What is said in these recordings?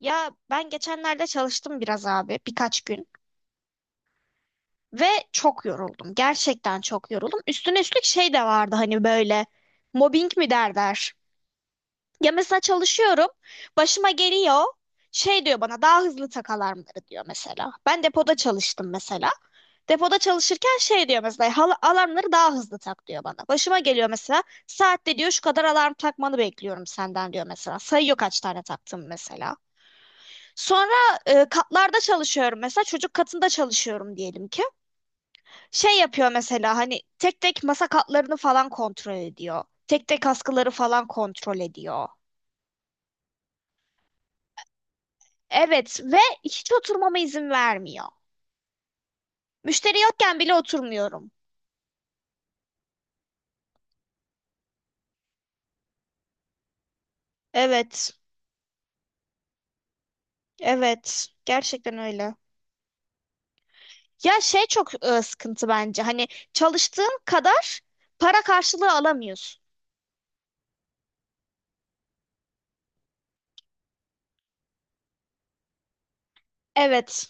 Ya ben geçenlerde çalıştım biraz abi birkaç gün ve çok yoruldum. Gerçekten çok yoruldum. Üstüne üstlük şey de vardı hani böyle mobbing mi derler. Ya mesela çalışıyorum başıma geliyor şey diyor bana daha hızlı tak alarmları diyor mesela. Ben depoda çalıştım mesela. Depoda çalışırken şey diyor mesela, "Hal- alarmları daha hızlı tak diyor bana. Başıma geliyor mesela saatte diyor şu kadar alarm takmanı bekliyorum senden diyor mesela. Sayıyor kaç tane taktım mesela. Sonra katlarda çalışıyorum mesela, çocuk katında çalışıyorum diyelim ki. Şey yapıyor mesela hani tek tek masa katlarını falan kontrol ediyor. Tek tek askıları falan kontrol ediyor. Evet ve hiç oturmama izin vermiyor. Müşteri yokken bile oturmuyorum. Evet, evet gerçekten öyle. Ya şey çok sıkıntı bence hani çalıştığın kadar para karşılığı alamıyorsun. Evet.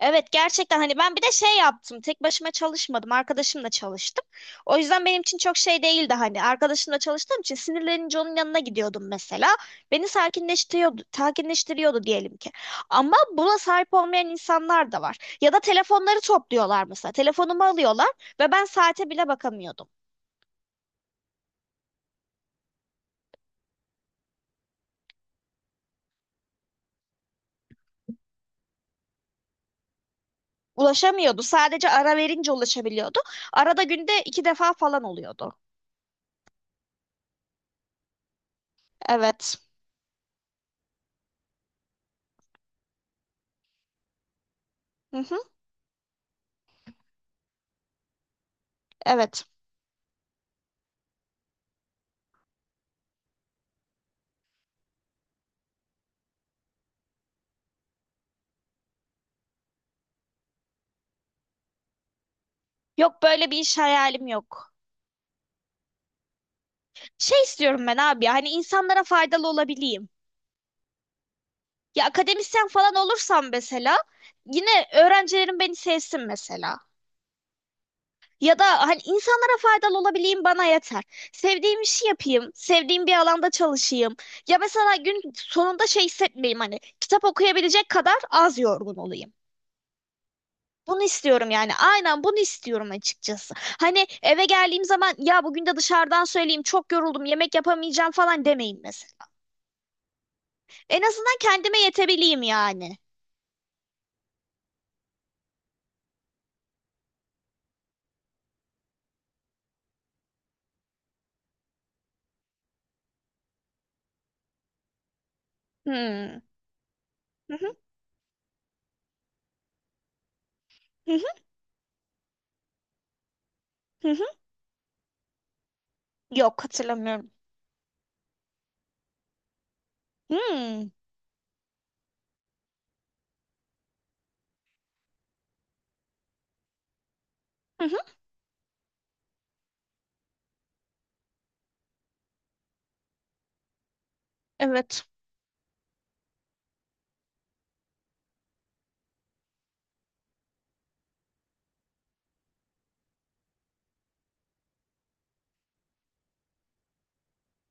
Evet gerçekten hani ben bir de şey yaptım. Tek başıma çalışmadım. Arkadaşımla çalıştım. O yüzden benim için çok şey değildi hani. Arkadaşımla çalıştığım için sinirlenince onun yanına gidiyordum mesela. Beni sakinleştiriyordu, sakinleştiriyordu diyelim ki. Ama buna sahip olmayan insanlar da var. Ya da telefonları topluyorlar mesela. Telefonumu alıyorlar ve ben saate bile bakamıyordum. Ulaşamıyordu. Sadece ara verince ulaşabiliyordu. Arada günde iki defa falan oluyordu. Evet. Hı hı. Evet. Yok böyle bir iş hayalim yok. Şey istiyorum ben abi ya hani insanlara faydalı olabileyim. Ya akademisyen falan olursam mesela yine öğrencilerim beni sevsin mesela. Ya da hani insanlara faydalı olabileyim bana yeter. Sevdiğim işi yapayım, sevdiğim bir alanda çalışayım. Ya mesela gün sonunda şey hissetmeyeyim hani kitap okuyabilecek kadar az yorgun olayım. Bunu istiyorum yani. Aynen bunu istiyorum açıkçası. Hani eve geldiğim zaman ya bugün de dışarıdan söyleyeyim çok yoruldum yemek yapamayacağım falan demeyeyim mesela. En azından kendime yetebileyim yani. Hmm. Hı hı, hı hı, hı hı. Yok hatırlamıyorum. Hmm. Hı hı. Evet.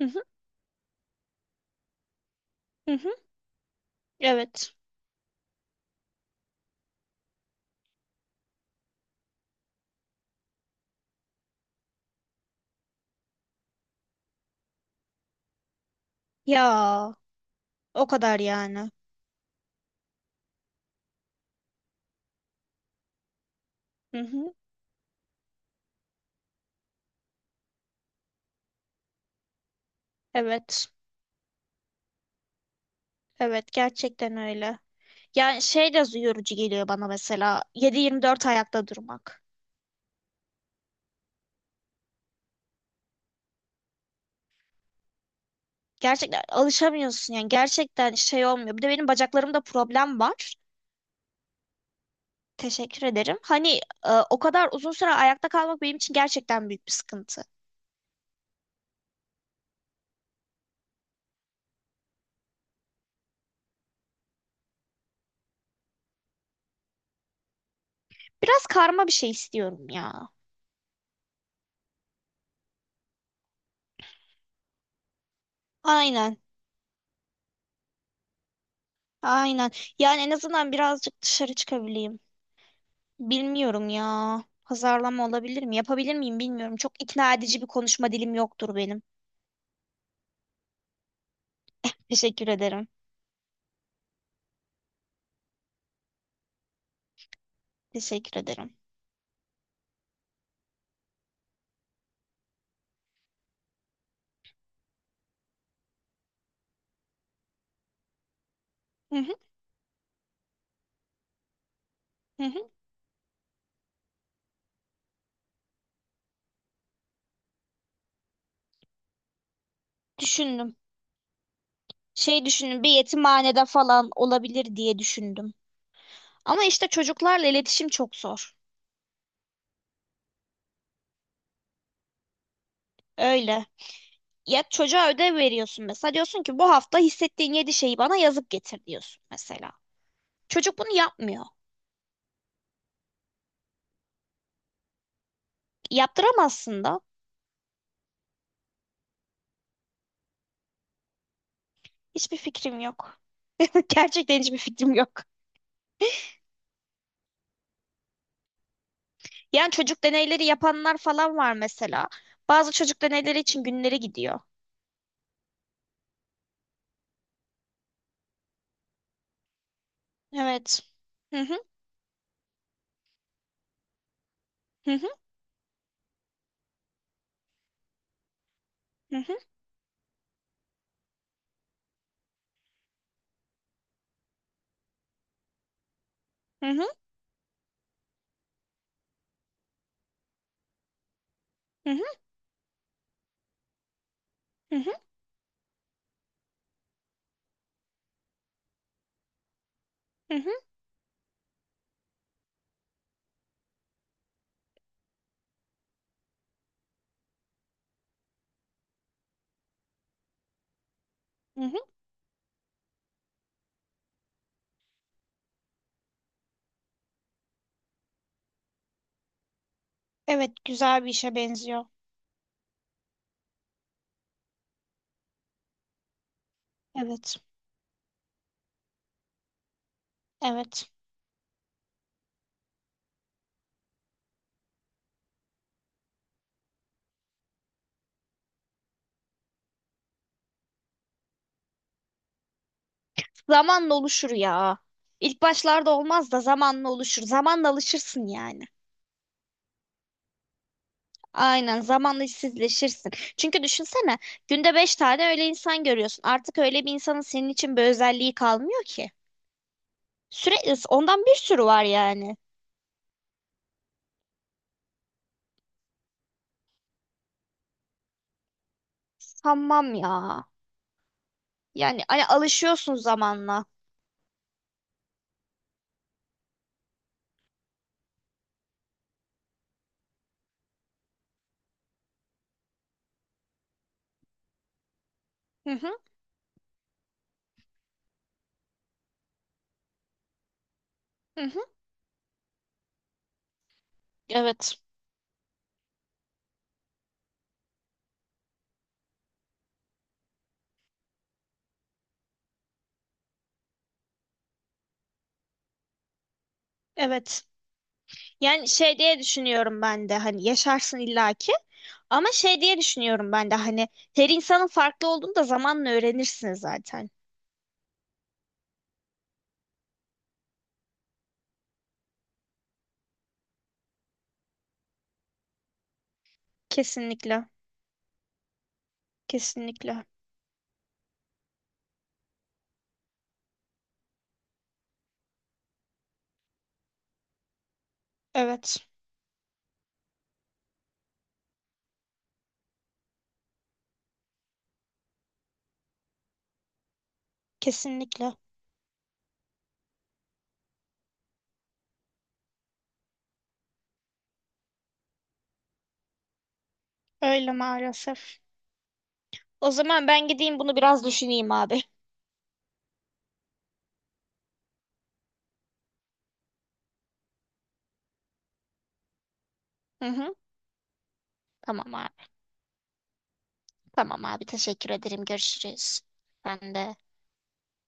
Hı hı, hı hı. Evet. Ya o kadar yani. Hı hı. Evet. Evet gerçekten öyle. Yani şey de yorucu geliyor bana mesela 7/24 ayakta durmak. Gerçekten alışamıyorsun yani gerçekten şey olmuyor. Bir de benim bacaklarımda problem var. Teşekkür ederim. Hani o kadar uzun süre ayakta kalmak benim için gerçekten büyük bir sıkıntı. Biraz karma bir şey istiyorum ya. Aynen. Aynen. Yani en azından birazcık dışarı çıkabileyim. Bilmiyorum ya. Pazarlama olabilir mi? Yapabilir miyim bilmiyorum. Çok ikna edici bir konuşma dilim yoktur benim. Teşekkür ederim. Teşekkür ederim. Hı hı, hı hı. Düşündüm. Şey düşündüm. Bir yetimhanede falan olabilir diye düşündüm. Ama işte çocuklarla iletişim çok zor. Öyle. Ya çocuğa ödev veriyorsun mesela. Diyorsun ki bu hafta hissettiğin yedi şeyi bana yazıp getir diyorsun mesela. Çocuk bunu yapmıyor. Yaptıramazsın da. Hiçbir fikrim yok. Gerçekten hiçbir fikrim yok. Yani çocuk deneyleri yapanlar falan var mesela. Bazı çocuk deneyleri için günleri gidiyor. Evet. Hı hı hı hı hı hı hı hı hı hı hı hı hı. Hı hı. Evet, güzel bir işe benziyor. Evet. Evet. Zamanla oluşur ya. İlk başlarda olmaz da zamanla oluşur. Zamanla alışırsın yani. Aynen zamanla işsizleşirsin. Çünkü düşünsene günde beş tane öyle insan görüyorsun. Artık öyle bir insanın senin için bir özelliği kalmıyor ki. Sürekli ondan bir sürü var yani. Sanmam ya. Yani hani alışıyorsun zamanla. Hı hı, hı hı. Evet. Evet. Yani şey diye düşünüyorum ben de hani yaşarsın illaki ama şey diye düşünüyorum ben de hani her insanın farklı olduğunu da zamanla öğrenirsiniz zaten. Kesinlikle. Kesinlikle. Evet. Kesinlikle. Öyle maalesef. O zaman ben gideyim bunu biraz düşüneyim abi. Hı hı. Tamam abi. Tamam abi teşekkür ederim. Görüşürüz. Ben de.